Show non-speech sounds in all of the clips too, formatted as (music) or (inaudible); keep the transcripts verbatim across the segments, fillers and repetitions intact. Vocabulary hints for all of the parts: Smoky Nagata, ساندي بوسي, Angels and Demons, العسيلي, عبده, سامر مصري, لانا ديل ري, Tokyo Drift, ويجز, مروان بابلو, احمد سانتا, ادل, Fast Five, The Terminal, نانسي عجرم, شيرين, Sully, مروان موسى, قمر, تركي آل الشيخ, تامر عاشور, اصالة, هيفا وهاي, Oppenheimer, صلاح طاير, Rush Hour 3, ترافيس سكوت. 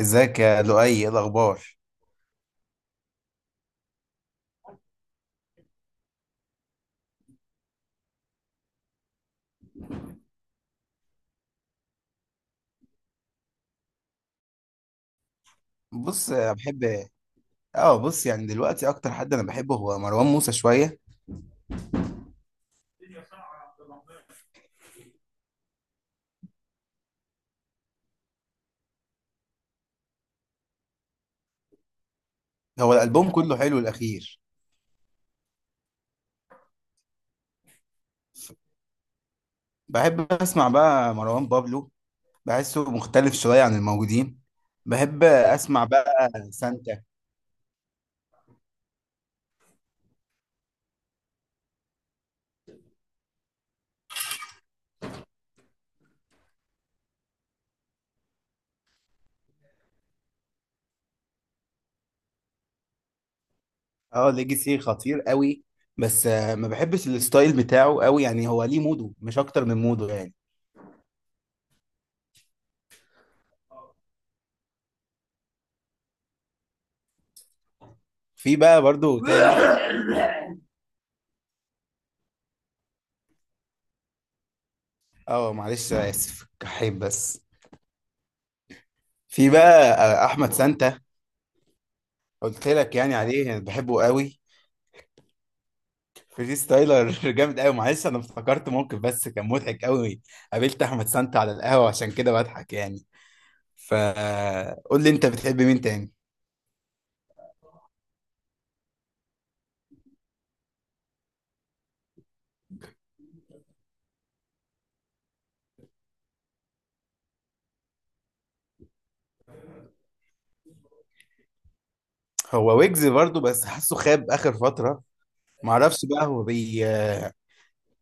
ازيك يا لؤي، ايه الاخبار؟ بص أنا بحب. اه بص، يعني دلوقتي اكتر حد انا بحبه هو مروان موسى شويه. هو الالبوم كله حلو الاخير. ف- بحب اسمع بقى مروان بابلو، بحسه مختلف شويه عن الموجودين. بحب اسمع بقى سانتا. اه ليجاسي خطير قوي، بس آه، ما بحبش الستايل بتاعه قوي، يعني هو ليه موده، مش اكتر من موده يعني. في بقى برضو تاني. اه معلش اسف كحيب بس. في بقى آه، احمد سانتا. قلت لك يعني عليه، انا بحبه قوي. فري ستايلر (laughs) جامد قوي. معلش انا افتكرت موقف بس، كان مضحك قوي. قابلت احمد سانتا على القهوه، عشان كده بضحك يعني. فقول لي انت بتحب مين تاني؟ هو ويجز برضو، بس حاسه خاب اخر فتره. معرفش بقى، هو بي...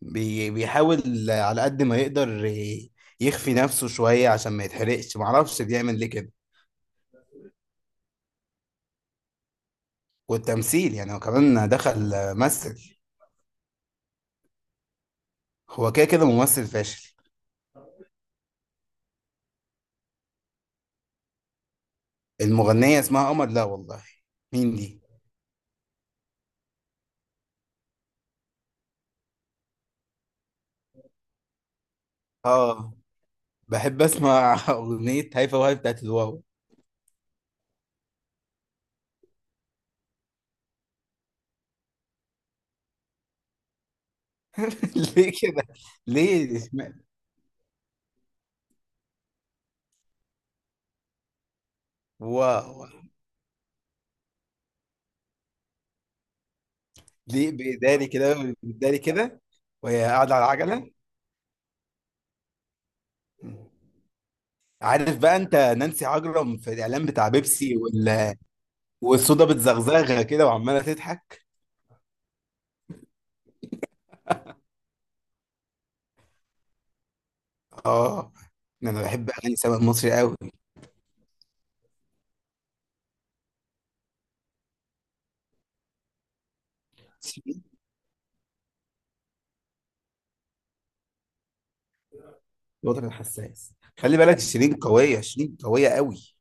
بي... بيحاول على قد ما يقدر ي- يخفي نفسه شويه عشان ما يتحرقش، معرفش بيعمل ليه كده. والتمثيل، يعني هو كمان دخل. مثل. هو كده كده ممثل فاشل. المغنيه اسمها قمر؟ لا والله، مين دي؟ اه، بحب اسمع (laughs) اغنيه هيفا، وهاي بتاعت الواو. (laughs) ليه كده؟ ليه اسمها واو؟ ليه بيداري كده بيداري كده، وهي قاعده على العجله. عارف بقى انت نانسي عجرم في الاعلان بتاع بيبسي وال... والصودا بتزغزغها كده وعماله تضحك؟ اه، انا بحب اغاني سامر مصري قوي. شيرين. الوطن الحساس. خلي بالك، شيرين قويه، شيرين قويه قوي.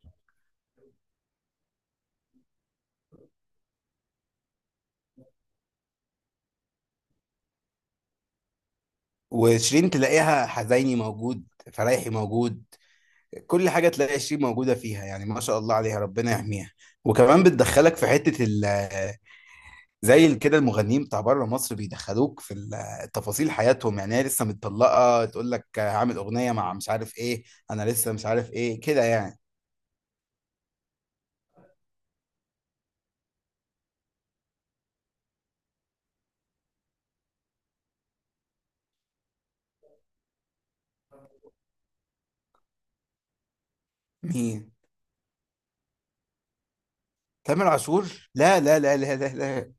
وشيرين تلاقيها حزيني موجود، فرايحي موجود، كل حاجة تلاقي شيء موجودة فيها يعني، ما شاء الله عليها، ربنا يحميها. وكمان بتدخلك في حتة ال، زي ال- كده المغنيين بتاع بره مصر بيدخلوك في ال- تفاصيل حياتهم، يعني هي لسه متطلقة تقول لك هعمل أغنية مع مش عارف إيه، أنا لسه مش عارف إيه كده يعني. مين؟ تامر عاشور؟ لا لا لا لا لا لا.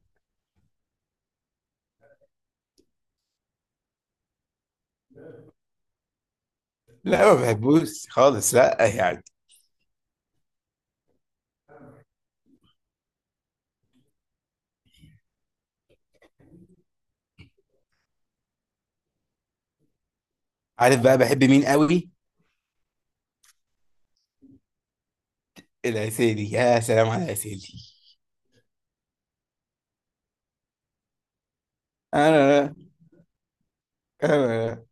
لا ما بحبوش خالص، لا يعني. عارف بقى بحب مين قوي؟ العسيلي، يا سلام على العسيلي. انا انا أنا-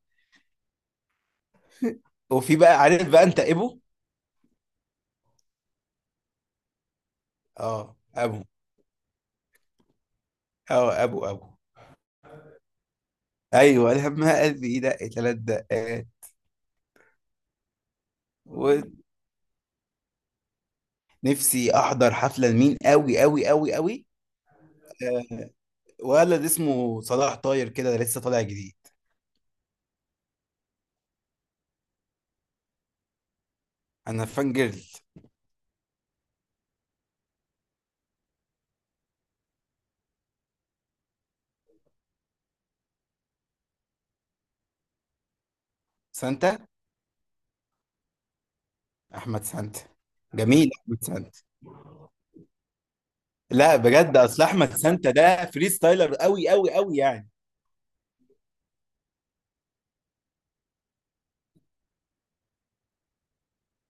وفي بقى، عارف بقى انت ابو؟ اه ابو. اه ابو ابو. ايوه، لما قلبي يدق ثلاث دقات. ونفسي احضر حفله لمين قوي قوي قوي قوي، آه، ولد اسمه صلاح طاير كده، ده لسه طالع جديد. انا فان جيرل. سانتا. احمد سانتا. جميل احمد سانتا. لا بجد، اصل احمد سانتا ده فري ستايلر قوي قوي قوي يعني.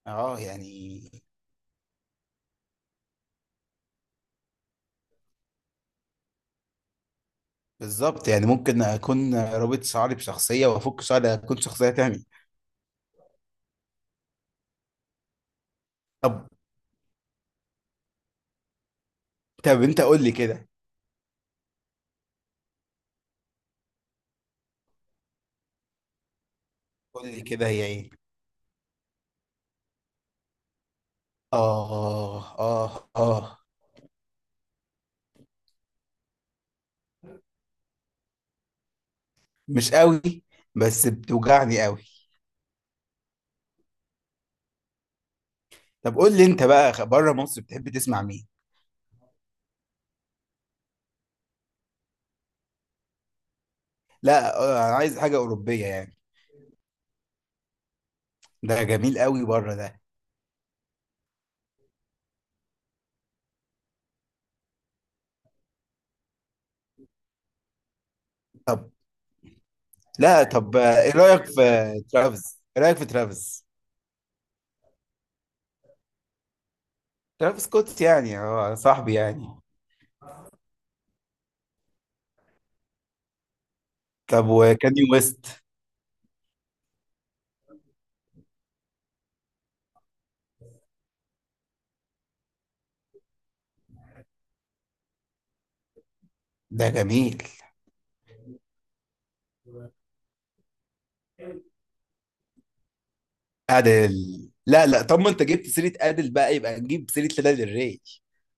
اه يعني. بالظبط، يعني ممكن اكون رابط شعري بشخصيه، وافك شعري اكون شخصيه تانية. طب. طب انت قول لي كده. قول لي كده، هي ايه؟ آه آه آه. مش قوي، بس بتوجعني قوي. طب قول لي أنت بقى، بره مصر بتحب تسمع مين؟ لا آه، أنا عايز حاجة أوروبية يعني. ده جميل قوي بره ده. طب، لا طب، آه، إيه رأيك في ترافيس؟ إيه رأيك في ترافيس؟ ترافيس سكوت يعني، آه صاحبي يعني. طب وكاني ويست؟ ده جميل. أدل. لا لا، طب ما أنت جبت سيرة أدل بقى، يبقى نجيب سيرة لانا del ري.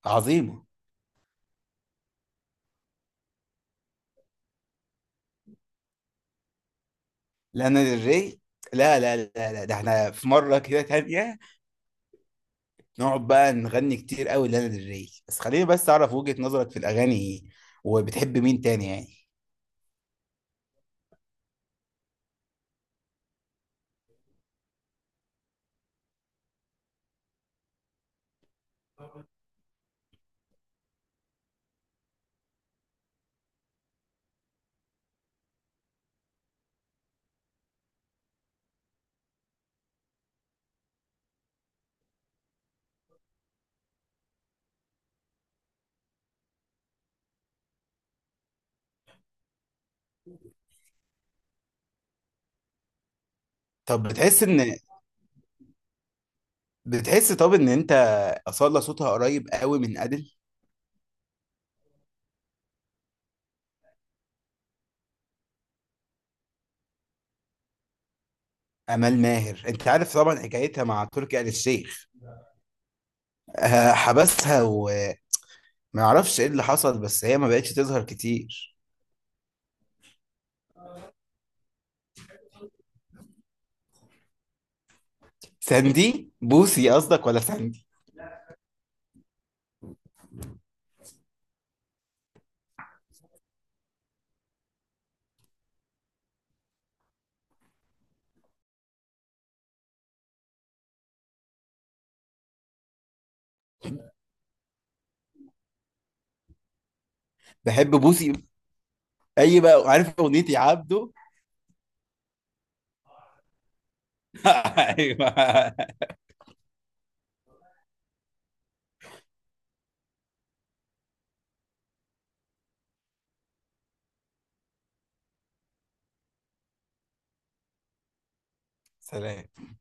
عظيمة. لانا ديل ري، لا لا لا لا، ده احنا في مرة كده تانية نقعد بقى نغني كتير قوي لانا ديل ري، بس خليني بس اعرف وجهة نظرك في الاغاني ايه، وبتحب مين تاني يعني. طب بتحس ان، بتحس طب ان انت اصالة صوتها قريب قوي من ادل؟ امال ماهر، انت عارف طبعا حكايتها مع تركي آل الشيخ؟ آه، حبسها، وما اعرفش ايه اللي حصل، بس هي ما بقتش تظهر كتير. ساندي بوسي قصدك، ولا ساندي؟ بحب بوسي. اي بقى، عارف اغنيتي عبده؟ (laughs) ايوه. سلام.